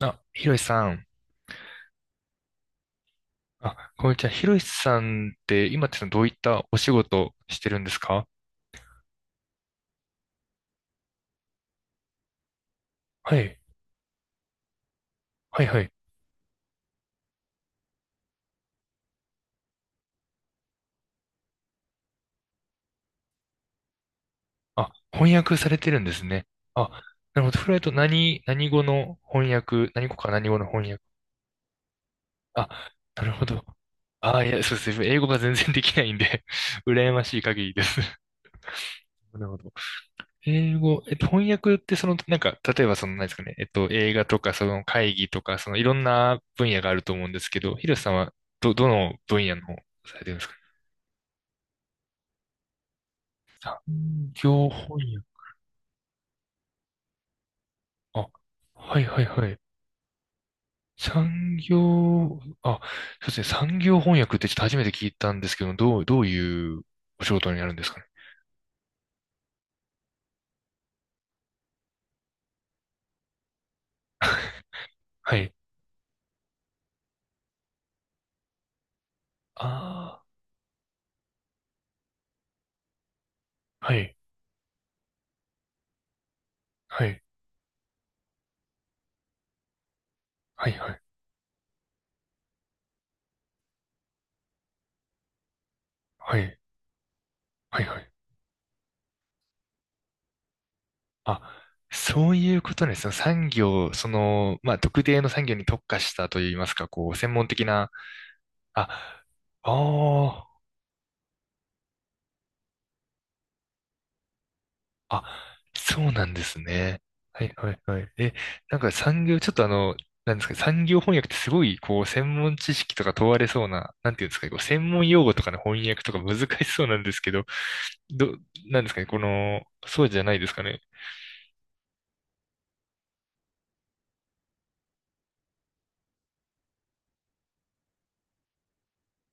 あ、ひろしさん。あ、こんにちは。ひろしさんって今ってどういったお仕事してるんですか？はい。はいはい。あ、翻訳されてるんですね。あ、なるほど。フライト何語の翻訳、何語か何語の翻訳。あ、なるほど。あ、いや、そうですね。英語が全然できないんで 羨ましい限りです。なるほど。英語、翻訳ってその、なんか、例えばその、何ですかね、映画とか、その会議とか、その、いろんな分野があると思うんですけど、ヒロさんは、どの分野の、されてるんですか？産業翻訳。あ、はいはいはい。産業、あ、そうですね、産業翻訳ってちょっと初めて聞いたんですけど、どういうお仕事になるんですかね。はい。ああ、はい、はい、はい、はい、はい、はい、はい。あ、そういうことですね。産業、その、まあ、特定の産業に特化したといいますか、こう、専門的な、あ、ああ、あ、そうなんですね。はいはいはい。え、なんか産業、ちょっとあの、なんですか、産業翻訳ってすごい、こう、専門知識とか問われそうな、なんていうんですかね、こう、専門用語とかの翻訳とか難しそうなんですけど、ど、なんですかね、この、そうじゃないですかね。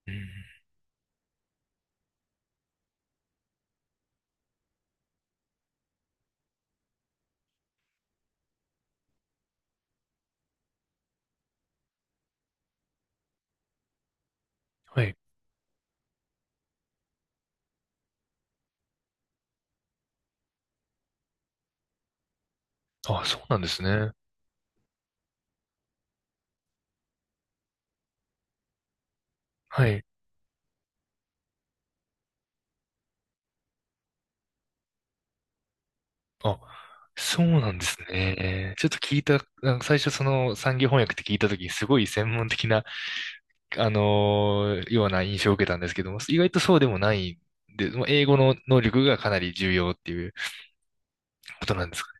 うん。はい。あ、そうなんですね。はい。あ、そうなんですね。ちょっと聞いた、あの最初その産業翻訳って聞いたときにすごい専門的な、ような印象を受けたんですけども、意外とそうでもないんで、もう英語の能力がかなり重要っていうことなんですか。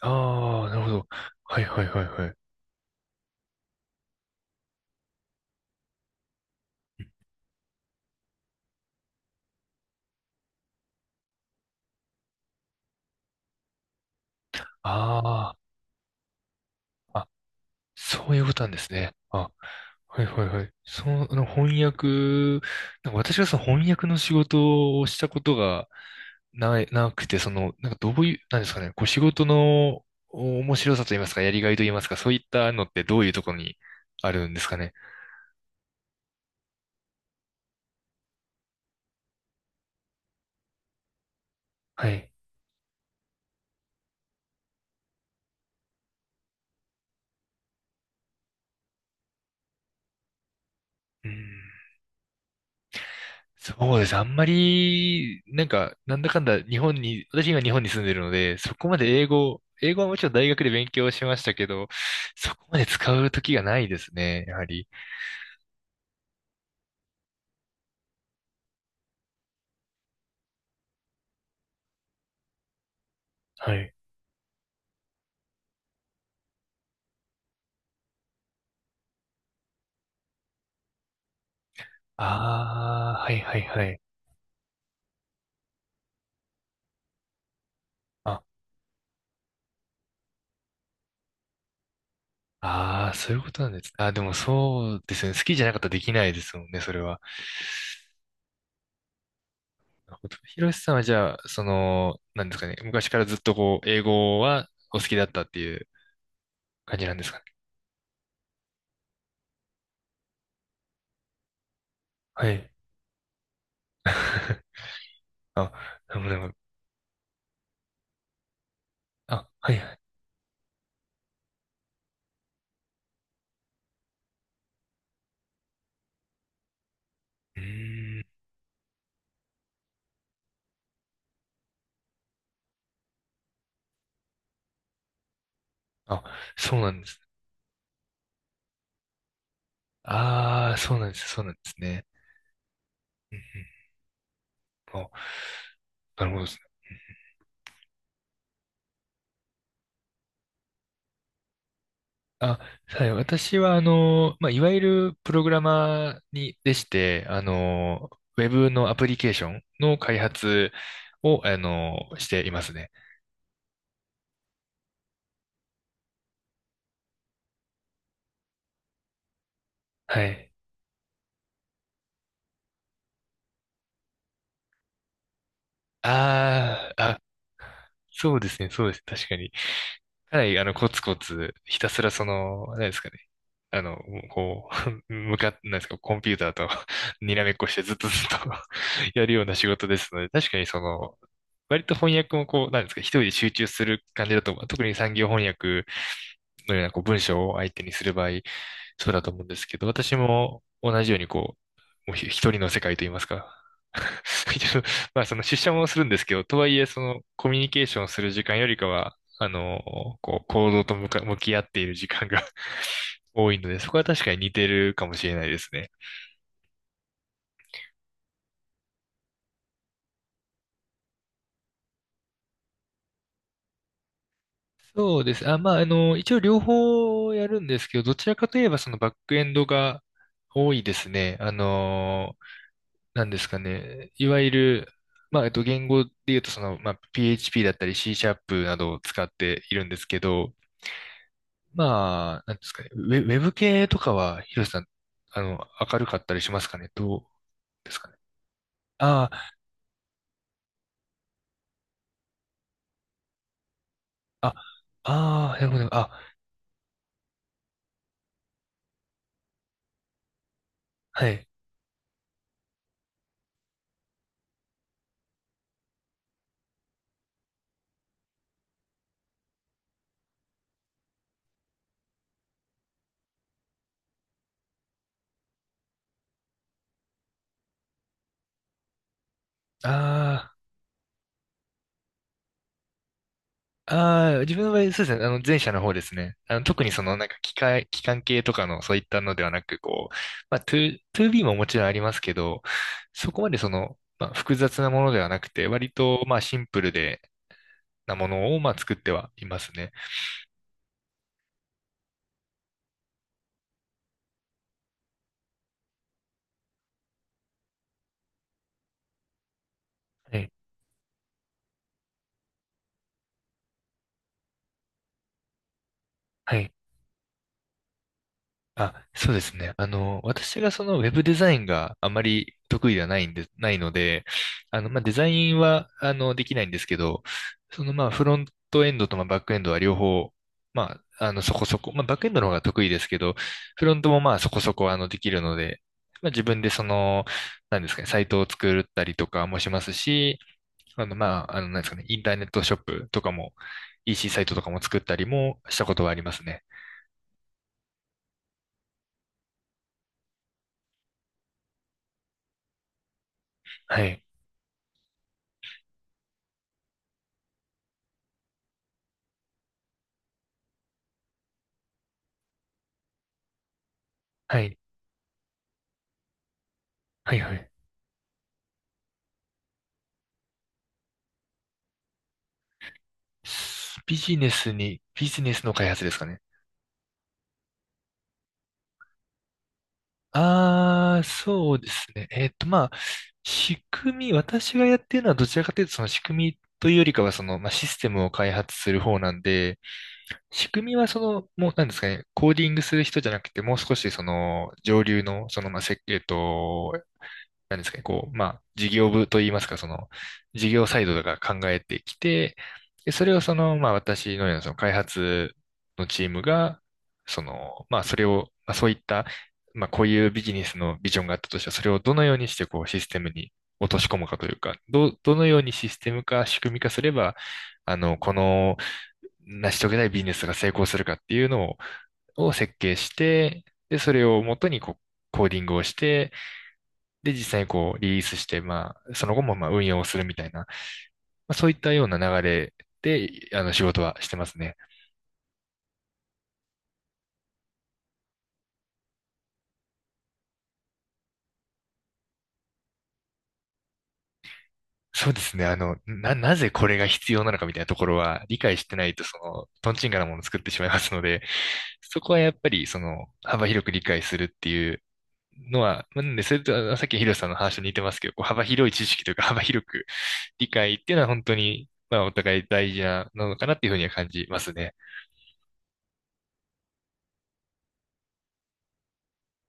ああー、なるほど。はいはいはいはい。ああ、あ、そういうことなんですね。あ、はいはいはい。その、あの翻訳、なんか私がその翻訳の仕事をしたことが、なくて、その、なんかどういう、なんですかね、こう仕事のお面白さと言いますか、やりがいと言いますか、そういったのってどういうところにあるんですかね。はい。うん、そうです。あんまり、なんか、なんだかんだ日本に、私今日本に住んでるので、そこまで英語はもちろん大学で勉強しましたけど、そこまで使う時がないですね、やはり。はい。ああ、はいはいはい。あ、ああ、そういうことなんです。あ、でもそうですね。好きじゃなかったらできないですもんね、それは。なるヒロシさんはじゃあ、その、なんですかね、昔からずっとこう、英語はお好きだったっていう感じなんですかね。はい。あ、なあ、はいはい。うーん。あ、そうなんですね。ああ、そうなんですね、そうなんですね。うんうん。あ、なるほどですね。あ、はい。私は、あの、まあ、いわゆるプログラマーに、でして、あの、ウェブのアプリケーションの開発を、あの、していますね。はい。あーそうですね、そうです。確かに。かなり、あの、コツコツ、ひたすらその、何ですかね。あの、こう、向かっ何ですか、コンピューターと にらめっこしてずっとずっと やるような仕事ですので、確かにその、割と翻訳もこう、何ですか、一人で集中する感じだと、特に産業翻訳のようなこう文章を相手にする場合、そうだと思うんですけど、私も同じようにこう、もう一人の世界といいますか。一応まあその出社もするんですけど、とはいえそのコミュニケーションする時間よりかは、あの、こう、行動と向き合っている時間が 多いので、そこは確かに似てるかもしれないですね。そうです。あ、まあ、あの、一応両方やるんですけど、どちらかといえばそのバックエンドが多いですね。あのなんですかね。いわゆる、まあ、言語で言うと、その、まあ、PHP だったり C シャープなどを使っているんですけど、まあ、なんですかね。ウェブ系とかは、ヒロシさん、あの、明るかったりしますかね。どうですかね。ああ、あ、ああ、なるほど。あ、はい。あああ、自分の場合、そうですね。あの、前者の方ですね。あの、特にその、なんか、機械、機関系とかの、そういったのではなく、こう、まあ、2、2B ももちろんありますけど、そこまでその、まあ、複雑なものではなくて、割と、まあ、シンプルで、なものを、まあ、作ってはいますね。はい。はいあ、そうですね。あの、私がそのウェブデザインがあまり得意ではないんで、ないので、あの、まあ、デザインは、あの、できないんですけど、その、まあ、フロントエンドと、まあ、バックエンドは両方、まあ、あの、そこそこ、まあ、バックエンドの方が得意ですけど、フロントもまあ、そこそこ、あの、できるので、まあ、自分でその、なんですかね、サイトを作ったりとかもしますし、あの、まあ、あの、なんですかね、インターネットショップとかも、EC サイトとかも作ったりもしたことはありますね。はい。はい。はい、はい。ビジネスの開発ですかね。ああ、そうですね。えっと、まあ、仕組み、私がやってるのはどちらかというと、その仕組みというよりかは、その、まあ、システムを開発する方なんで、仕組みはその、もう、なんですかね、コーディングする人じゃなくて、もう少し、その、上流の、その、まあ、設計と、なんですかね、こう、まあ、事業部といいますか、その、事業サイドが考えてきて、で、それをその、まあ、私のようなその開発のチームが、その、まあ、それを、まあ、そういった、まあ、こういうビジネスのビジョンがあったとしたら、それをどのようにして、こう、システムに落とし込むかというか、どのようにシステム化、仕組み化すれば、あの、この、成し遂げたいビジネスが成功するかっていうのを、設計して、で、それをもとにこう、コーディングをして、で、実際にこうリリースして、まあ、その後もまあ運用をするみたいな、まあ、そういったような流れで、あの、仕事はしてますね。そうですね。あの、なぜこれが必要なのかみたいなところは理解してないと、その、トンチンカンなものを作ってしまいますので、そこはやっぱり、その、幅広く理解するっていうのは、なんで、それと、あのさっきのヒロさんの話と似てますけど、こう幅広い知識というか、幅広く理解っていうのは本当に、まあ、お互い大事なのかなっていうふうには感じますね。